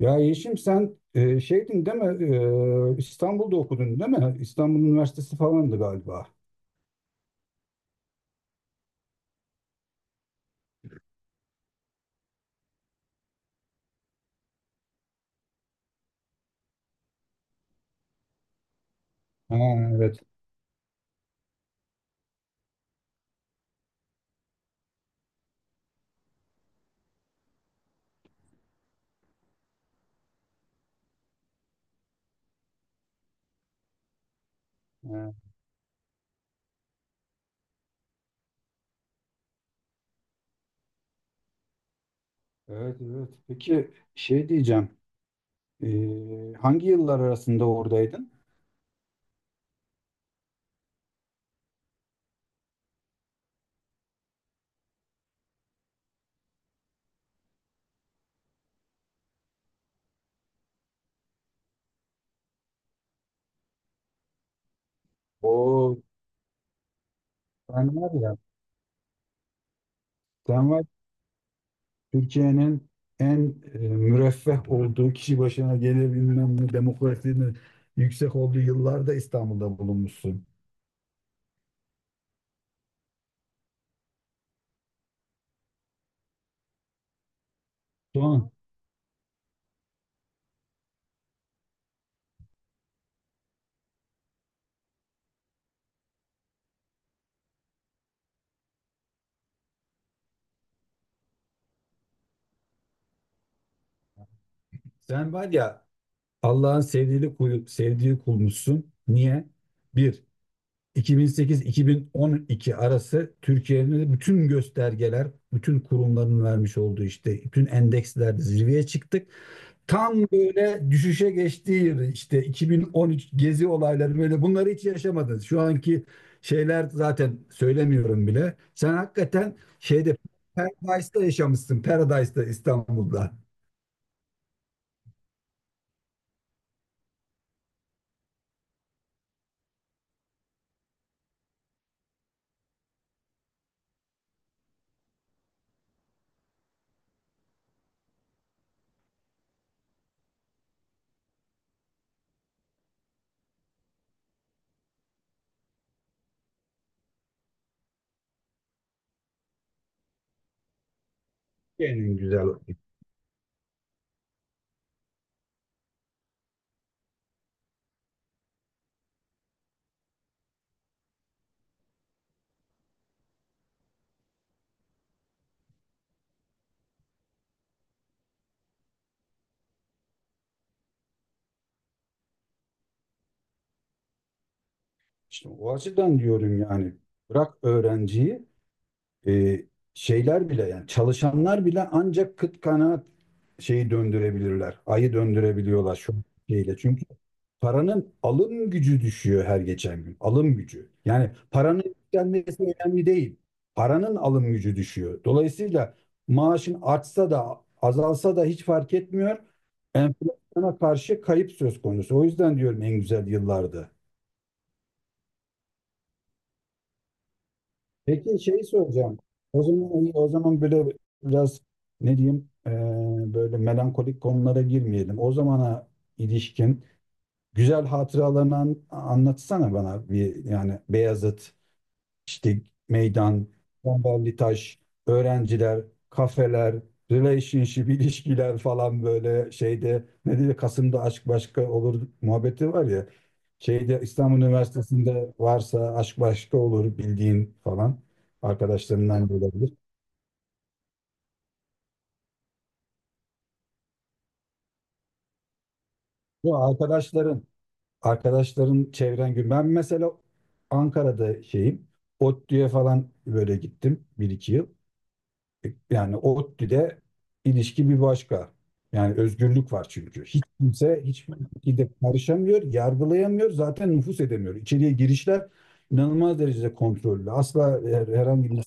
Ya Yeşim sen şeydin değil mi? İstanbul'da okudun değil mi? İstanbul Üniversitesi falandı galiba. Ha, evet. Ha, evet, evet. Peki şey diyeceğim. Hangi yıllar arasında oradaydın? O sen var ya. Sen var Türkiye'nin en müreffeh olduğu kişi başına gelebilmem ne demokrasinin yüksek olduğu yıllarda İstanbul'da bulunmuşsun. Doğan, sen var ya, Allah'ın sevdiği kul, sevdiği kulmuşsun. Niye? Bir, 2008-2012 arası Türkiye'nin de bütün göstergeler, bütün kurumların vermiş olduğu işte bütün endekslerde zirveye çıktık. Tam böyle düşüşe geçtiği yıl işte 2013 gezi olayları, böyle bunları hiç yaşamadınız. Şu anki şeyler zaten söylemiyorum bile. Sen hakikaten şeyde Paradise'da yaşamışsın. Paradise'da, İstanbul'da. En güzel. İşte o açıdan diyorum yani. Bırak öğrenciyi, e, şeyler bile yani çalışanlar bile ancak kıt kanaat şeyi döndürebilirler. Ayı döndürebiliyorlar şu şeyle. Çünkü paranın alım gücü düşüyor her geçen gün. Alım gücü. Yani paranın yükselmesi önemli değil. Paranın alım gücü düşüyor. Dolayısıyla maaşın artsa da azalsa da hiç fark etmiyor. Enflasyona karşı kayıp söz konusu. O yüzden diyorum en güzel yıllardı. Peki şeyi soracağım. O zaman hani, o zaman böyle biraz ne diyeyim böyle melankolik konulara girmeyelim. O zamana ilişkin güzel hatıralarını anlatsana bana bir, yani Beyazıt, işte meydan, Bomballı Taş, öğrenciler, kafeler, relationship ilişkiler falan, böyle şeyde ne diyor, Kasım'da aşk başka olur muhabbeti var ya. Şeyde İstanbul Üniversitesi'nde varsa aşk başka olur bildiğin falan, arkadaşlarından da olabilir. Bu arkadaşların çevren gün. Ben mesela Ankara'da şeyim. ODTÜ'ye falan böyle gittim bir iki yıl. Yani ODTÜ'de ilişki bir başka. Yani özgürlük var çünkü. Hiç kimse hiçbir şekilde karışamıyor, yargılayamıyor, zaten nüfus edemiyor. İçeriye girişler inanılmaz derecede kontrollü. Asla herhangi bir.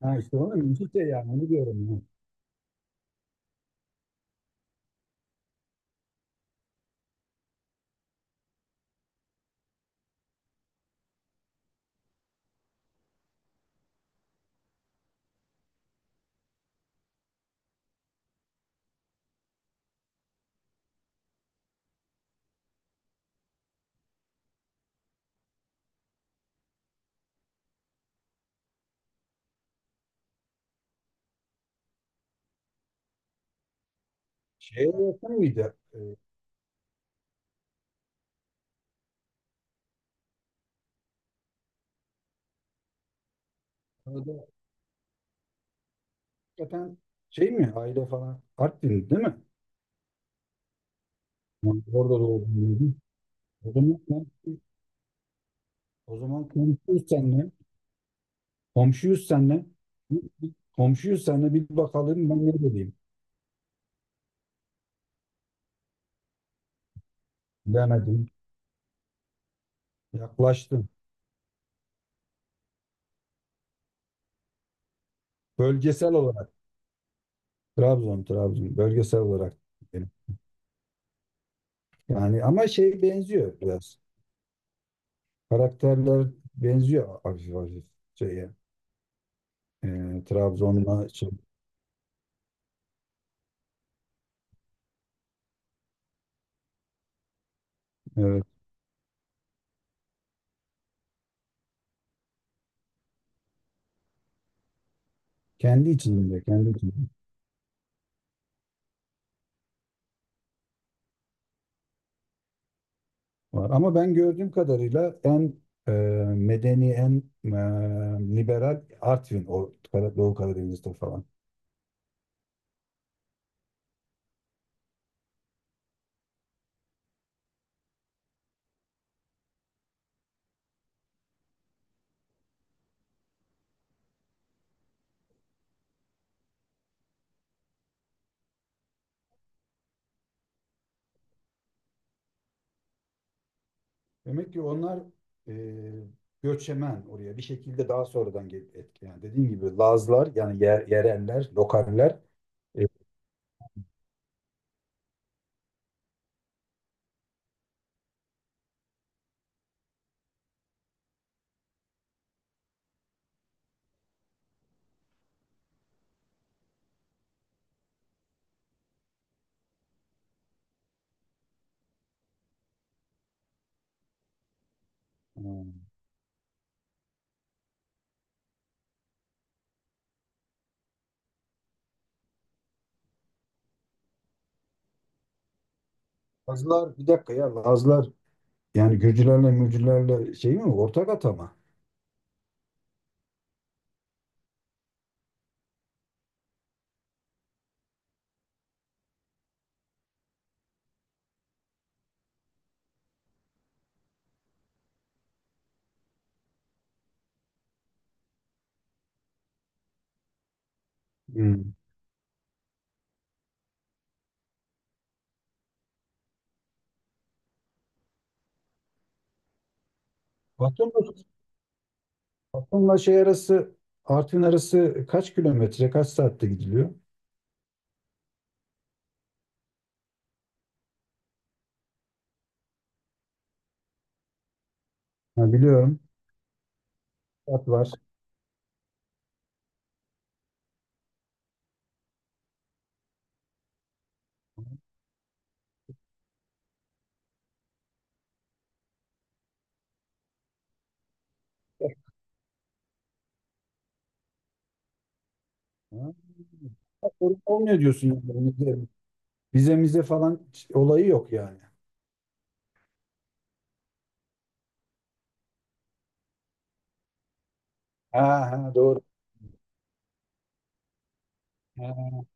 Ha, işte onu müzik de yani onu diyorum ya. Şeye yakın mıydı? Orada hakikaten şey mi, aile falan Artvin değil mi? Yani orada doğdum dedim. O zaman komşu, o zaman komşuyuz seninle. Komşuyuz seninle. Bir- bir- Komşuyuz seninle, bir bakalım ben ne diyeyim. Bilemedim. Yaklaştım. Bölgesel olarak Trabzon, bölgesel olarak dedim. Yani ama şey benziyor biraz. Karakterler benziyor hafif hafif şeye. Trabzon'la şey, evet. Kendi içinde, kendi içinde var. Ama ben gördüğüm kadarıyla en e, medeni, en liberal Artvin, o Doğu Karadeniz'de falan. Demek ki onlar e, göçemen oraya bir şekilde daha sonradan gelip etkileyen. Dediğim gibi Lazlar yani yer, yereller, lokaller. e, hmm, Lazlar, bir dakika ya, Lazlar yani Gürcülerle Mürcülerle şey mi, ortak atama? Hmm. Batı mı? Bununla şey arası, Artvin arası kaç kilometre, kaç saatte gidiliyor? Ha, biliyorum. Saat var. Ha. Sorun olmuyor diyorsun yani. Vize, vize mize falan olayı yok yani. Ha, ha, doğru. Ha, ha.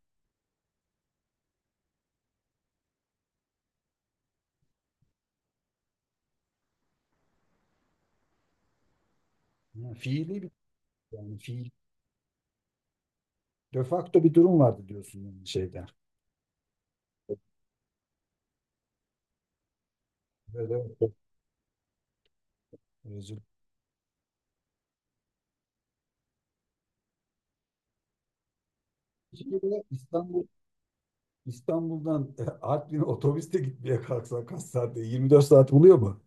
Fiili bir, yani fiil. De facto bir durum vardı diyorsun yani şeyde. Evet, evet. Özür dilerim. Bir de İstanbul'dan Artvin'e otobüste gitmeye kalksan kaç saatte? 24 saat buluyor mu?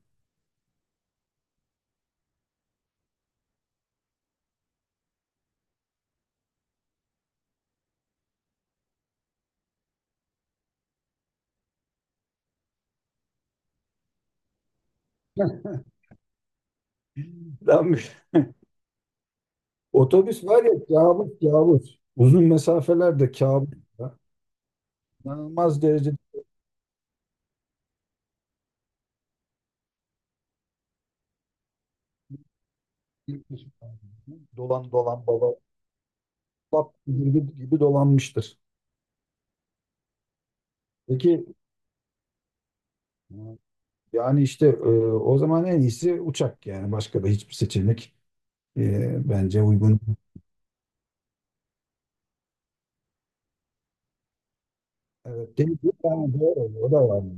Lan. Otobüs var ya, kabus kabus. Uzun mesafelerde kabus, ya. İnanılmaz derecede dolan dolan baba bak, gibi, dolanmıştır. Peki yani işte o zaman en iyisi uçak yani, başka da hiçbir seçenek bence uygun. Evet, değil mi? Yani doğru, o da var. Yani.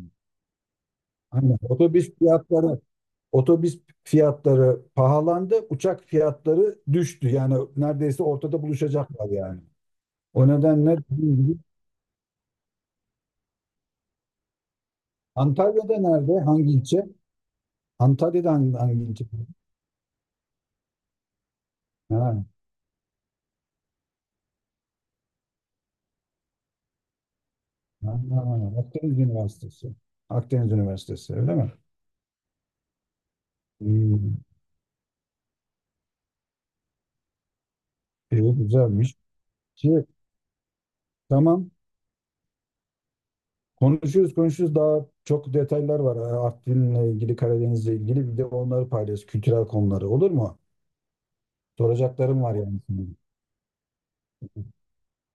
Aynen. Otobüs fiyatları pahalandı, uçak fiyatları düştü. Yani neredeyse ortada buluşacaklar yani. O nedenle Antalya'da nerede? Hangi ilçe? Antalya'da hangi ilçe? Ha, ha, ha. Akdeniz Üniversitesi. Akdeniz Üniversitesi öyle mi? Hmm, iyi, güzelmiş. Şey, tamam. Konuşuyoruz konuşuyoruz. Daha çok detaylar var. Ha, Artvin'le ilgili, Karadeniz'le ilgili. Bir de onları paylaş. Kültürel konuları. Olur mu? Soracaklarım var yani.